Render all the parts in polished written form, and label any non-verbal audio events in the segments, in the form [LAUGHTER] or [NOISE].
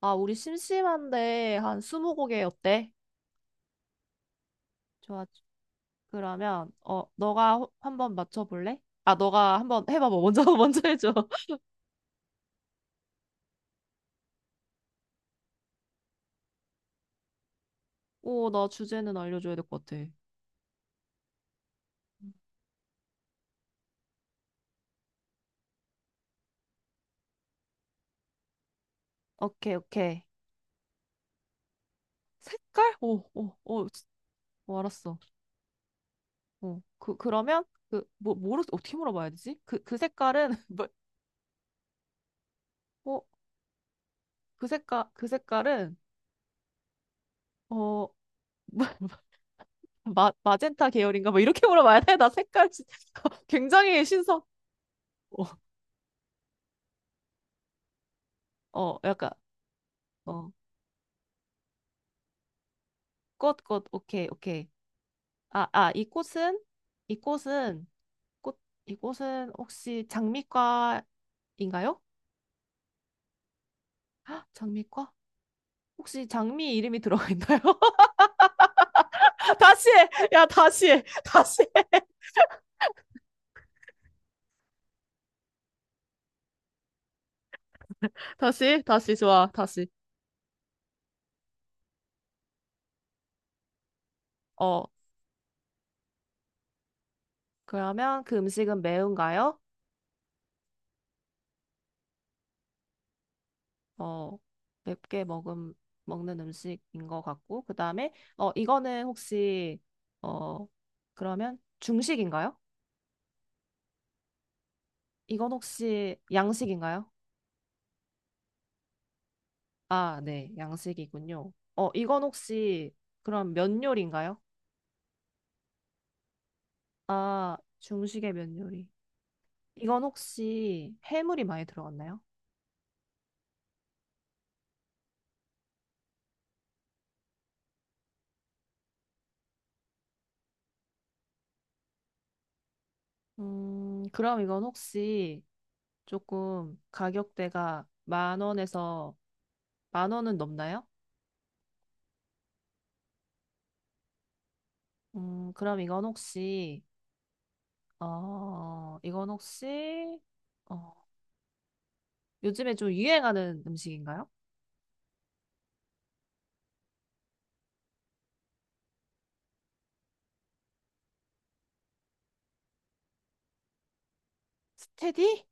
아, 우리 심심한데 한 스무 곡에 어때? 좋아. 그러면 너가 한번 맞춰 볼래? 아, 너가 한번 해봐. 봐 먼저 [LAUGHS] 먼저 해줘. [LAUGHS] 오, 나 주제는 알려줘야 될 것 같아. 오케이, 오케이. 색깔? 오, 오, 오, 오, 알았어. 그 그러면 그 뭐로 어떻게 물어봐야 되지? 그 색깔은 [LAUGHS] 뭐, 어, 그 색깔 그 색깔은 어, 마, [LAUGHS] 마젠타 계열인가? 뭐 이렇게 물어봐야 돼? 나 색깔 [LAUGHS] 굉장히 신선. 어, 약간. 어. 꽃, 꽃, 오케이, 오케이. 아, 아, 이 꽃은, 꽃, 이 꽃은 혹시 장미과인가요? 헉, 장미과? 혹시 장미 이름이 들어가 있나요? [LAUGHS] 다시 해! 야, 다시 해! 다시 해! [LAUGHS] 다시, 다시, 좋아, 다시. 어, 그러면 그 음식은 매운가요? 어, 맵게 먹음, 먹는 음식인 것 같고, 그 다음에, 이거는 혹시, 어, 그러면 중식인가요? 이건 혹시 양식인가요? 아, 네, 양식이군요. 이건 혹시 그럼 면 요리인가요? 아, 중식의 면 요리. 이건 혹시 해물이 많이 들어갔나요? 그럼 이건 혹시 조금 가격대가 만 원에서 만 원은 넘나요? 그럼 이건 혹시 어, 이건 혹시 어, 요즘에 좀 유행하는 음식인가요? 스테디?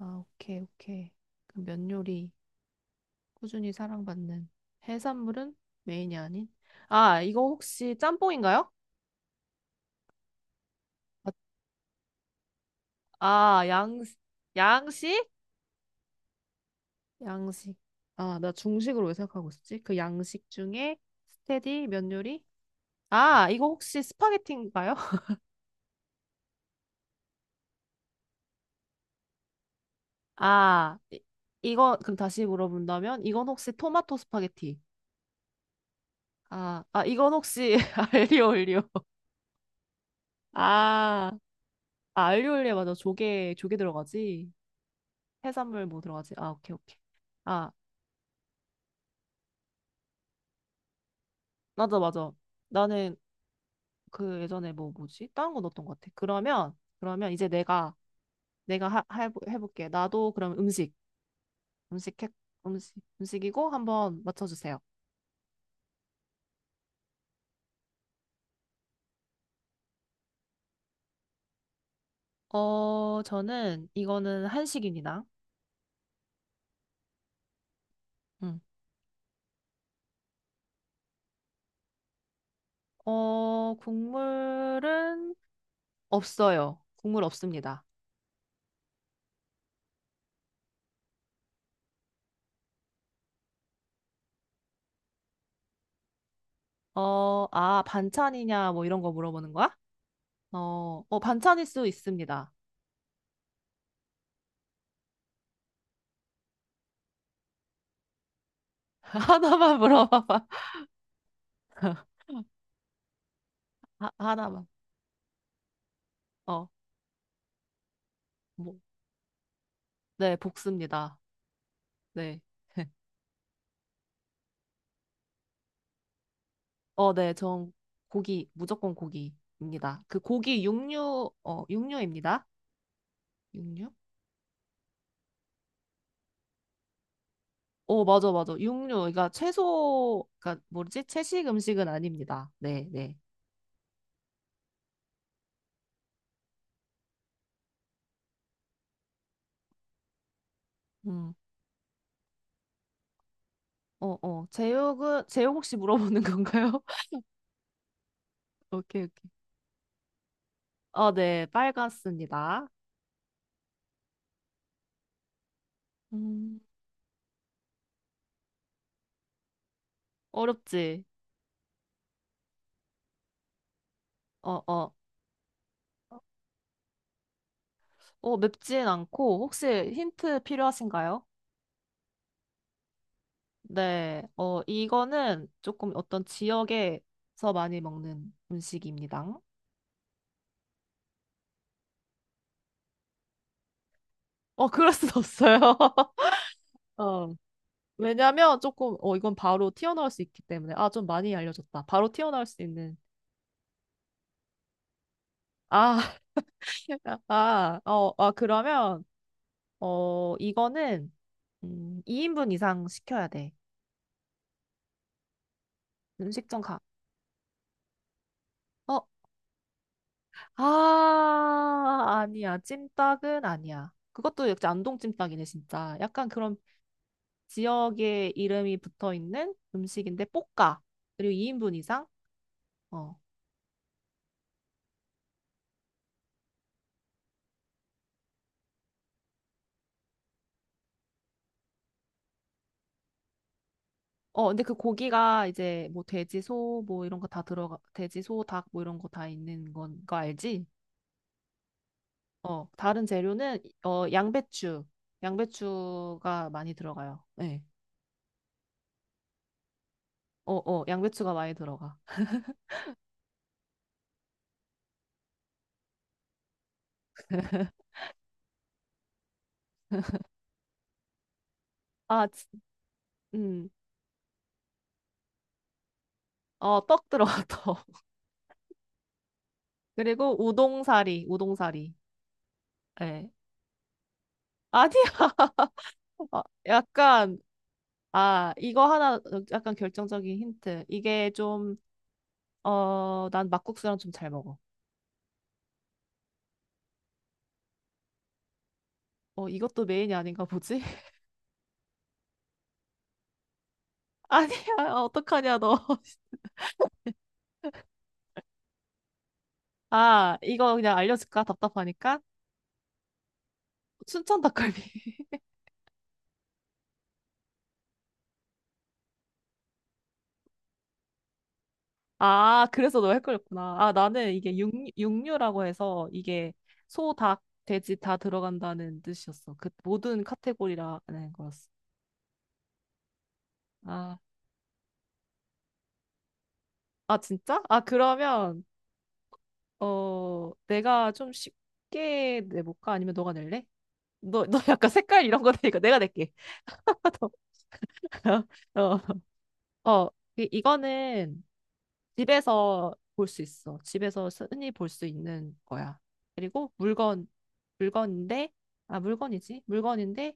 아, 오케이, 오케이. 그럼 면 요리. 꾸준히 사랑받는 해산물은 메인이 아닌 아 이거 혹시 짬뽕인가요? 아, 아, 양 양식? 양식 아 나 중식으로 왜 생각하고 있었지? 그 양식 중에 스테디 면 요리? 아 이거 혹시 스파게티인가요? [LAUGHS] 아 이거 그럼 다시 물어본다면 이건 혹시 토마토 스파게티? 아, 아 이건 혹시 [LAUGHS] 알리오 올리오. 아, 아 알리오 올리오 맞아. 조개 들어가지. 해산물 뭐 들어가지. 아 오케이 오케이. 아 맞아, 맞아. 나는 그 예전에 뭐지? 다른 거 넣었던 것 같아. 그러면 이제 내가 해볼게. 나도 그럼 음식 음식 해, 음식 음식이고 한번 맞춰주세요. 저는 이거는 한식입니다. 음. 국물은 없어요. 국물 없습니다. 아, 반찬이냐 뭐 이런 거 물어보는 거야? 반찬일 수 있습니다. [LAUGHS] 하나만 물어봐봐. 하나만. 어, 뭐, 네, 볶습니다. 네. [LAUGHS] 네. 무조건 고기입니다. 육류입니다. 육류? 맞아, 맞아. 육류. 그러니까 뭐지? 채식 음식은 아닙니다. 네, 네. 음. 어, 어. 제육 혹시 물어보는 건가요? [LAUGHS] 오케이, 오케이. 네. 빨갛습니다. 음. 어렵지? 어, 어. 맵진 않고, 혹시 힌트 필요하신가요? 네, 이거는 조금 어떤 지역에서 많이 먹는 음식입니다. 그럴 순 없어요. [LAUGHS] 어, 왜냐면 조금, 이건 바로 튀어나올 수 있기 때문에. 아, 좀 많이 알려줬다. 바로 튀어나올 수 있는. 아, [LAUGHS] 아, 아, 그러면, 이거는, 2인분 이상 시켜야 돼. 음식점 가. 어, 아, 아니야. 찜닭은 아니야. 그것도 역시 안동 찜닭이네, 진짜. 약간 그런 지역의 이름이 붙어 있는 음식인데 볶아. 그리고 2인분 이상. 어. 근데 그 고기가 이제 뭐 돼지, 소, 닭 뭐 이런 거 다 있는 건 거 알지? 다른 재료는 양배추. 양배추가 많이 들어가요. 네. 양배추가 많이 들어가. 아, 음. 떡 들어가, 떡. [LAUGHS] 그리고 우동사리, 우동사리. 예. 아니야. [LAUGHS] 아, 약간 아, 이거 하나 약간 결정적인 힌트. 이게 좀, 난 막국수랑 좀 잘 먹어. 이것도 메인이 아닌가 보지? [LAUGHS] 아니야, 어떡하냐, 너. [LAUGHS] 아, 이거 그냥 알려줄까? 답답하니까? 춘천 닭갈비. [LAUGHS] 아, 그래서 너 헷갈렸구나. 아, 나는 이게 육류라고 해서 이게 소, 닭, 돼지 다 들어간다는 뜻이었어. 그 모든 카테고리라는 거였어. 아, 아, 진짜? 아, 그러면, 내가 좀 쉽게 내볼까? 아니면 너가 낼래? 너 약간 색깔 이런 거 되니까 내가 낼게. [LAUGHS] 어, 어, 어, 이거는 집에서 볼 수 있어. 집에서 흔히 볼 수 있는 거야. 그리고 물건인데, 아, 물건이지? 물건인데,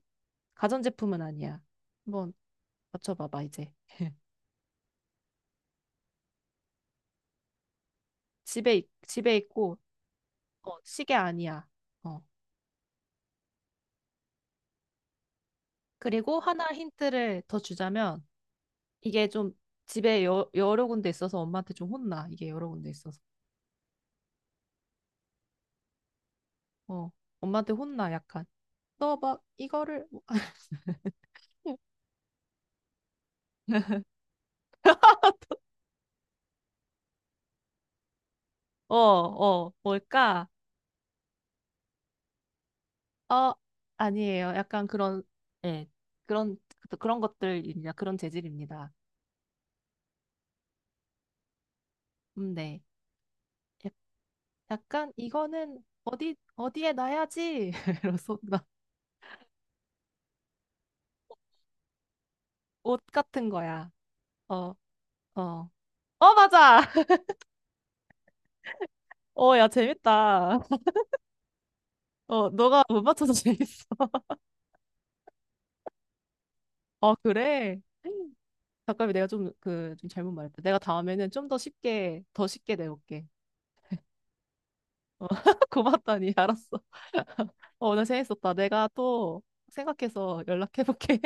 가전제품은 아니야. 한번 맞춰봐봐, 이제. [LAUGHS] 집에 있고, 시계 아니야. 어. 그리고 하나 힌트를 더 주자면, 이게 좀 집에 여러 군데 있어서 엄마한테 좀 혼나. 이게 여러 군데 있어서. 어, 엄마한테 혼나, 약간. 너 막, 이거를, [LAUGHS] 뭘까? 어, 아니에요. 약간 그런, 예, 그런, 그런 것들입니다. 그런 재질입니다. 네. 약- 약간 이거는 어디에 놔야지? [LAUGHS] 이러면서 나 옷 같은 거야. 어, 어. 맞아! [LAUGHS] 야, 재밌다. 너가 못 맞춰서 재밌어. [LAUGHS] 그래? 잠깐만 내가 좀 그 좀 잘못 말했다. 내가 다음에는 좀 더 쉽게 더 쉽게 내볼게. [LAUGHS] 고맙다니 알았어. [LAUGHS] 오늘 재밌었다. 내가 또 생각해서 연락해볼게.